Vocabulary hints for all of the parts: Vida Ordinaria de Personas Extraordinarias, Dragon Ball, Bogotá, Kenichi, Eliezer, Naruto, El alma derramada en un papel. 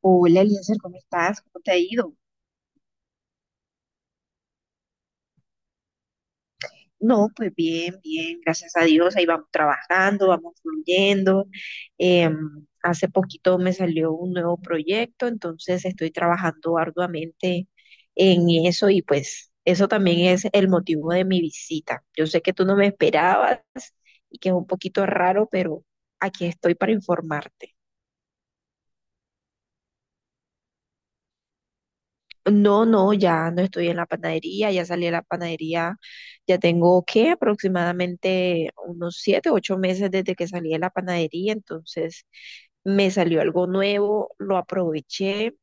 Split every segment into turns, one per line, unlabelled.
Hola, Eliezer, ¿cómo estás? ¿Cómo te ha ido? No, pues bien, bien, gracias a Dios, ahí vamos trabajando, vamos fluyendo. Em, Hace poquito me salió un nuevo proyecto, entonces estoy trabajando arduamente en eso y pues eso también es el motivo de mi visita. Yo sé que tú no me esperabas y que es un poquito raro, pero aquí estoy para informarte. No, no, ya no estoy en la panadería, ya salí de la panadería, ya tengo que aproximadamente unos 7, 8 meses desde que salí de la panadería, entonces me salió algo nuevo, lo aproveché,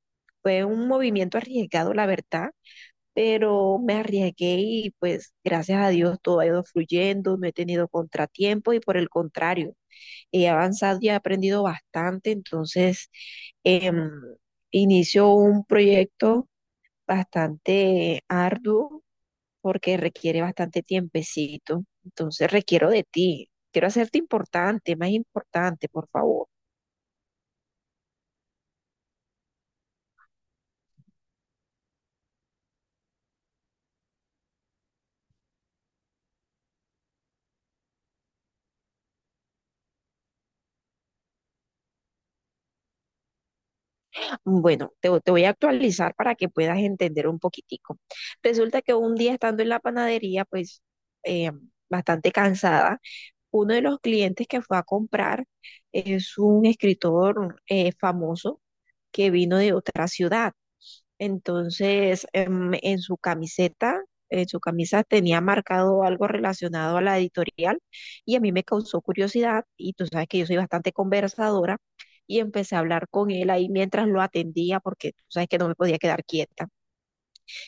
fue un movimiento arriesgado, la verdad, pero me arriesgué y pues gracias a Dios todo ha ido fluyendo, no he tenido contratiempo y por el contrario, he avanzado y he aprendido bastante, entonces em, inicio un proyecto bastante arduo porque requiere bastante tiempecito. Entonces requiero de ti. Quiero hacerte importante, más importante, por favor. Bueno, te voy a actualizar para que puedas entender un poquitico. Resulta que un día estando en la panadería, pues eh, bastante cansada, uno de los clientes que fue a comprar es un escritor, famoso, que vino de otra ciudad. Entonces, en su camiseta, en su camisa tenía marcado algo relacionado a la editorial y a mí me causó curiosidad y tú sabes que yo soy bastante conversadora y empecé a hablar con él ahí mientras lo atendía porque tú sabes que no me podía quedar quieta.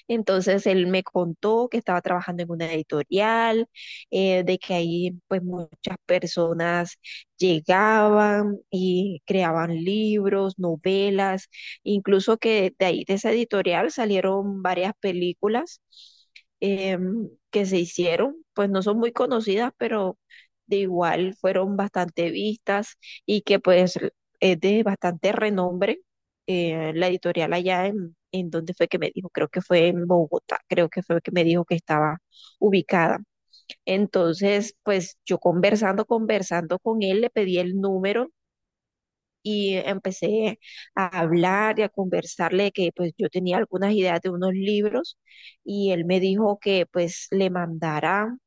Entonces él me contó que estaba trabajando en una editorial, de que ahí pues muchas personas llegaban y creaban libros, novelas, incluso que de ahí, de esa editorial, salieron varias películas que se hicieron, pues no son muy conocidas, pero de igual fueron bastante vistas y que pues es de bastante renombre, la editorial allá en dónde fue que me dijo, creo que fue en Bogotá, creo que fue que me dijo que estaba ubicada. Entonces, pues yo conversando, conversando con él, le pedí el número y empecé a hablar y a conversarle de que pues yo tenía algunas ideas de unos libros y él me dijo que pues le mandara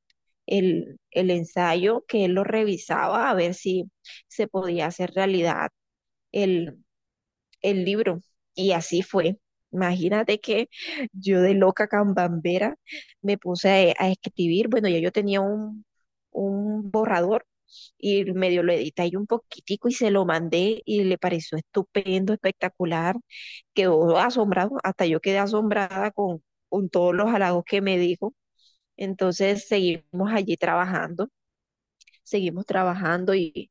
el ensayo, que él lo revisaba a ver si se podía hacer realidad el, el libro. Y así fue. Imagínate que yo de loca cambambera me puse a escribir. Bueno, ya yo tenía un borrador y medio lo edité ahí un poquitico y se lo mandé y le pareció estupendo, espectacular. Quedó asombrado, hasta yo quedé asombrada con todos los halagos que me dijo. Entonces seguimos allí trabajando, seguimos trabajando y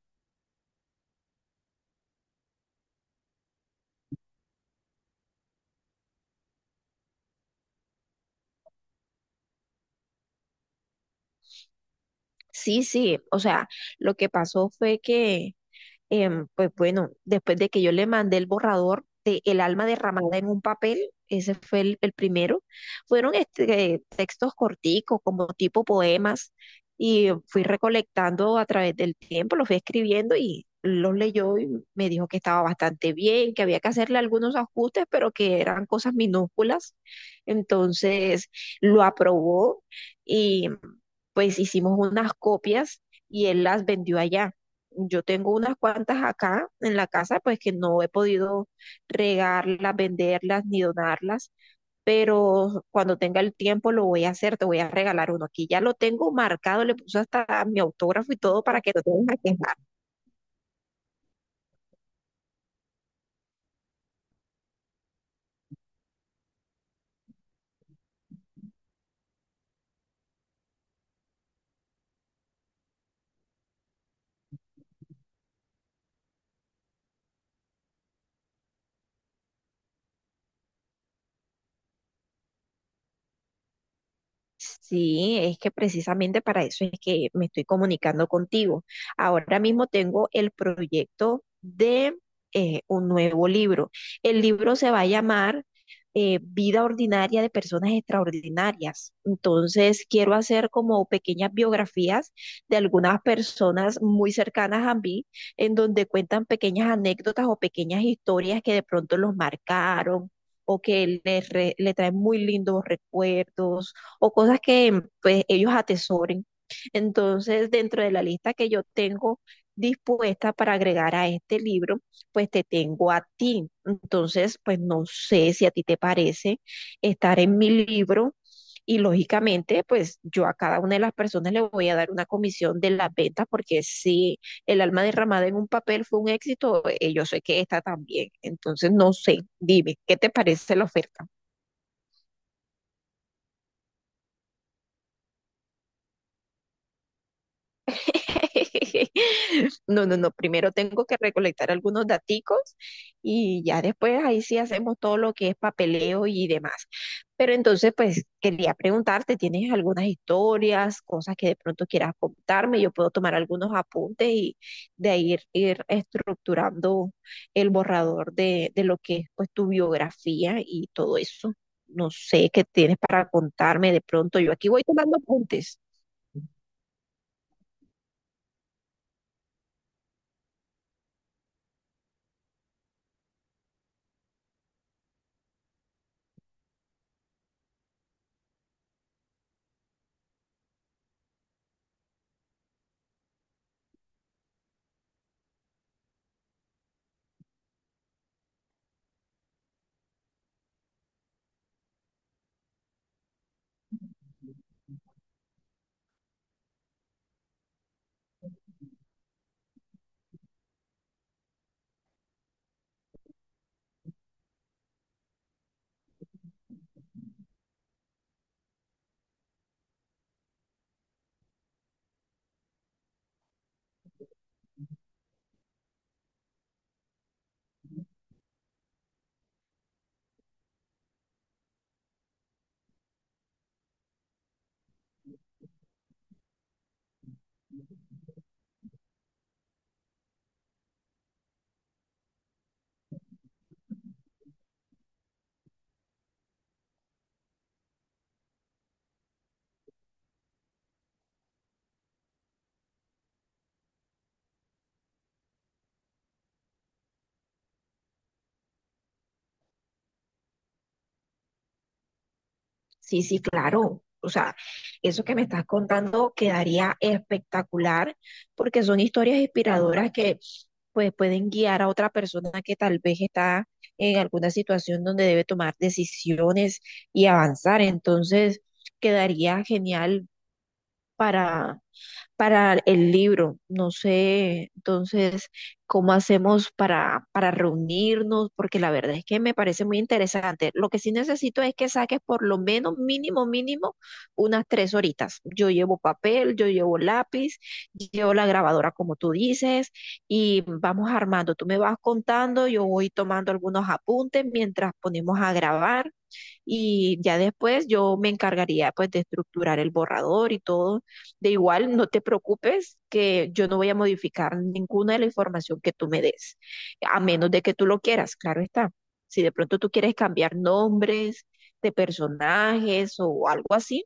sí, sí, o sea, lo que pasó fue que pues bueno, después de que yo le mandé el borrador de El alma derramada en un papel, ese fue el primero, fueron este, textos corticos, como tipo poemas, y fui recolectando a través del tiempo, los fui escribiendo y los leyó y me dijo que estaba bastante bien, que había que hacerle algunos ajustes, pero que eran cosas minúsculas. Entonces lo aprobó y pues hicimos unas copias y él las vendió allá. Yo tengo unas cuantas acá en la casa, pues que no he podido regarlas, venderlas ni donarlas, pero cuando tenga el tiempo lo voy a hacer, te voy a regalar uno. Aquí ya lo tengo marcado, le puse hasta mi autógrafo y todo para que no te vayas a quejar. Sí, es que precisamente para eso es que me estoy comunicando contigo. Ahora mismo tengo el proyecto de un nuevo libro. El libro se va a llamar Vida Ordinaria de Personas Extraordinarias. Entonces, quiero hacer como pequeñas biografías de algunas personas muy cercanas a mí, en donde cuentan pequeñas anécdotas o pequeñas historias que de pronto los marcaron o que le traen muy lindos recuerdos o cosas que pues ellos atesoren. Entonces, dentro de la lista que yo tengo dispuesta para agregar a este libro, pues te tengo a ti. Entonces, pues no sé si a ti te parece estar en mi libro y lógicamente, pues yo a cada una de las personas le voy a dar una comisión de las ventas porque si el alma derramada en un papel fue un éxito, yo sé que esta también. Entonces, no sé, dime, ¿qué te parece la oferta? No, no, no. Primero tengo que recolectar algunos daticos y ya después ahí sí hacemos todo lo que es papeleo y demás. Pero entonces, pues quería preguntarte, ¿tienes algunas historias, cosas que de pronto quieras contarme? Yo puedo tomar algunos apuntes y de ahí ir estructurando el borrador de lo que es pues tu biografía y todo eso. No sé qué tienes para contarme de pronto. Yo aquí voy tomando apuntes. Sí, sí, claro. O sea, eso que me estás contando quedaría espectacular porque son historias inspiradoras que pues pueden guiar a otra persona que tal vez está en alguna situación donde debe tomar decisiones y avanzar. Entonces, quedaría genial para para el libro. No sé, entonces, cómo hacemos para reunirnos, porque la verdad es que me parece muy interesante. Lo que sí necesito es que saques por lo menos mínimo, mínimo, unas 3 horitas. Yo llevo papel, yo llevo lápiz, llevo la grabadora, como tú dices, y vamos armando. Tú me vas contando, yo voy tomando algunos apuntes mientras ponemos a grabar y ya después yo me encargaría pues de estructurar el borrador y todo. De igual, no te preocupes que yo no voy a modificar ninguna de la información que tú me des, a menos de que tú lo quieras, claro está. Si de pronto tú quieres cambiar nombres de personajes o algo así,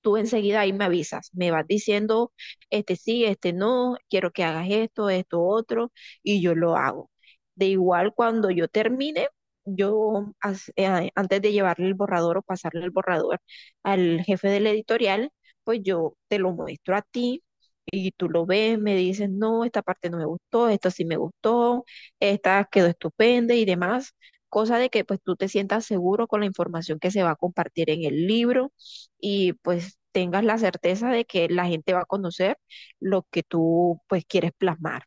tú enseguida ahí me avisas, me vas diciendo, este sí, este no, quiero que hagas esto, esto, otro, y yo lo hago. De igual, cuando yo termine, yo antes de llevarle el borrador o pasarle el borrador al jefe del editorial, pues yo te lo muestro a ti y tú lo ves, me dices, no, esta parte no me gustó, esta sí me gustó, esta quedó estupenda y demás, cosa de que pues tú te sientas seguro con la información que se va a compartir en el libro y pues tengas la certeza de que la gente va a conocer lo que tú pues quieres plasmar.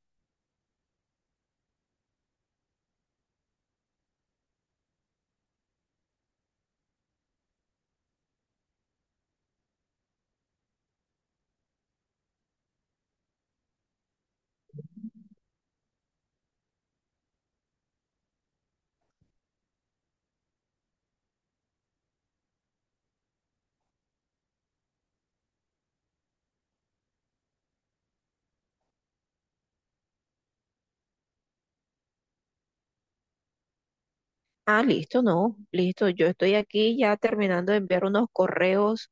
Ah, listo, no, listo. Yo estoy aquí ya terminando de enviar unos correos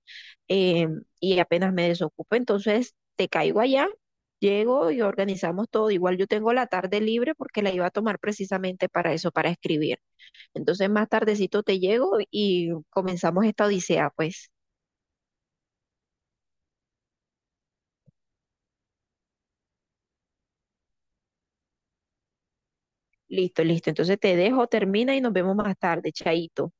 eh, y apenas me desocupo, entonces te caigo allá, llego y organizamos todo. Igual yo tengo la tarde libre porque la iba a tomar precisamente para eso, para escribir. Entonces más tardecito te llego y comenzamos esta odisea, pues. Listo, listo. Entonces te dejo, termina y nos vemos más tarde, chaito.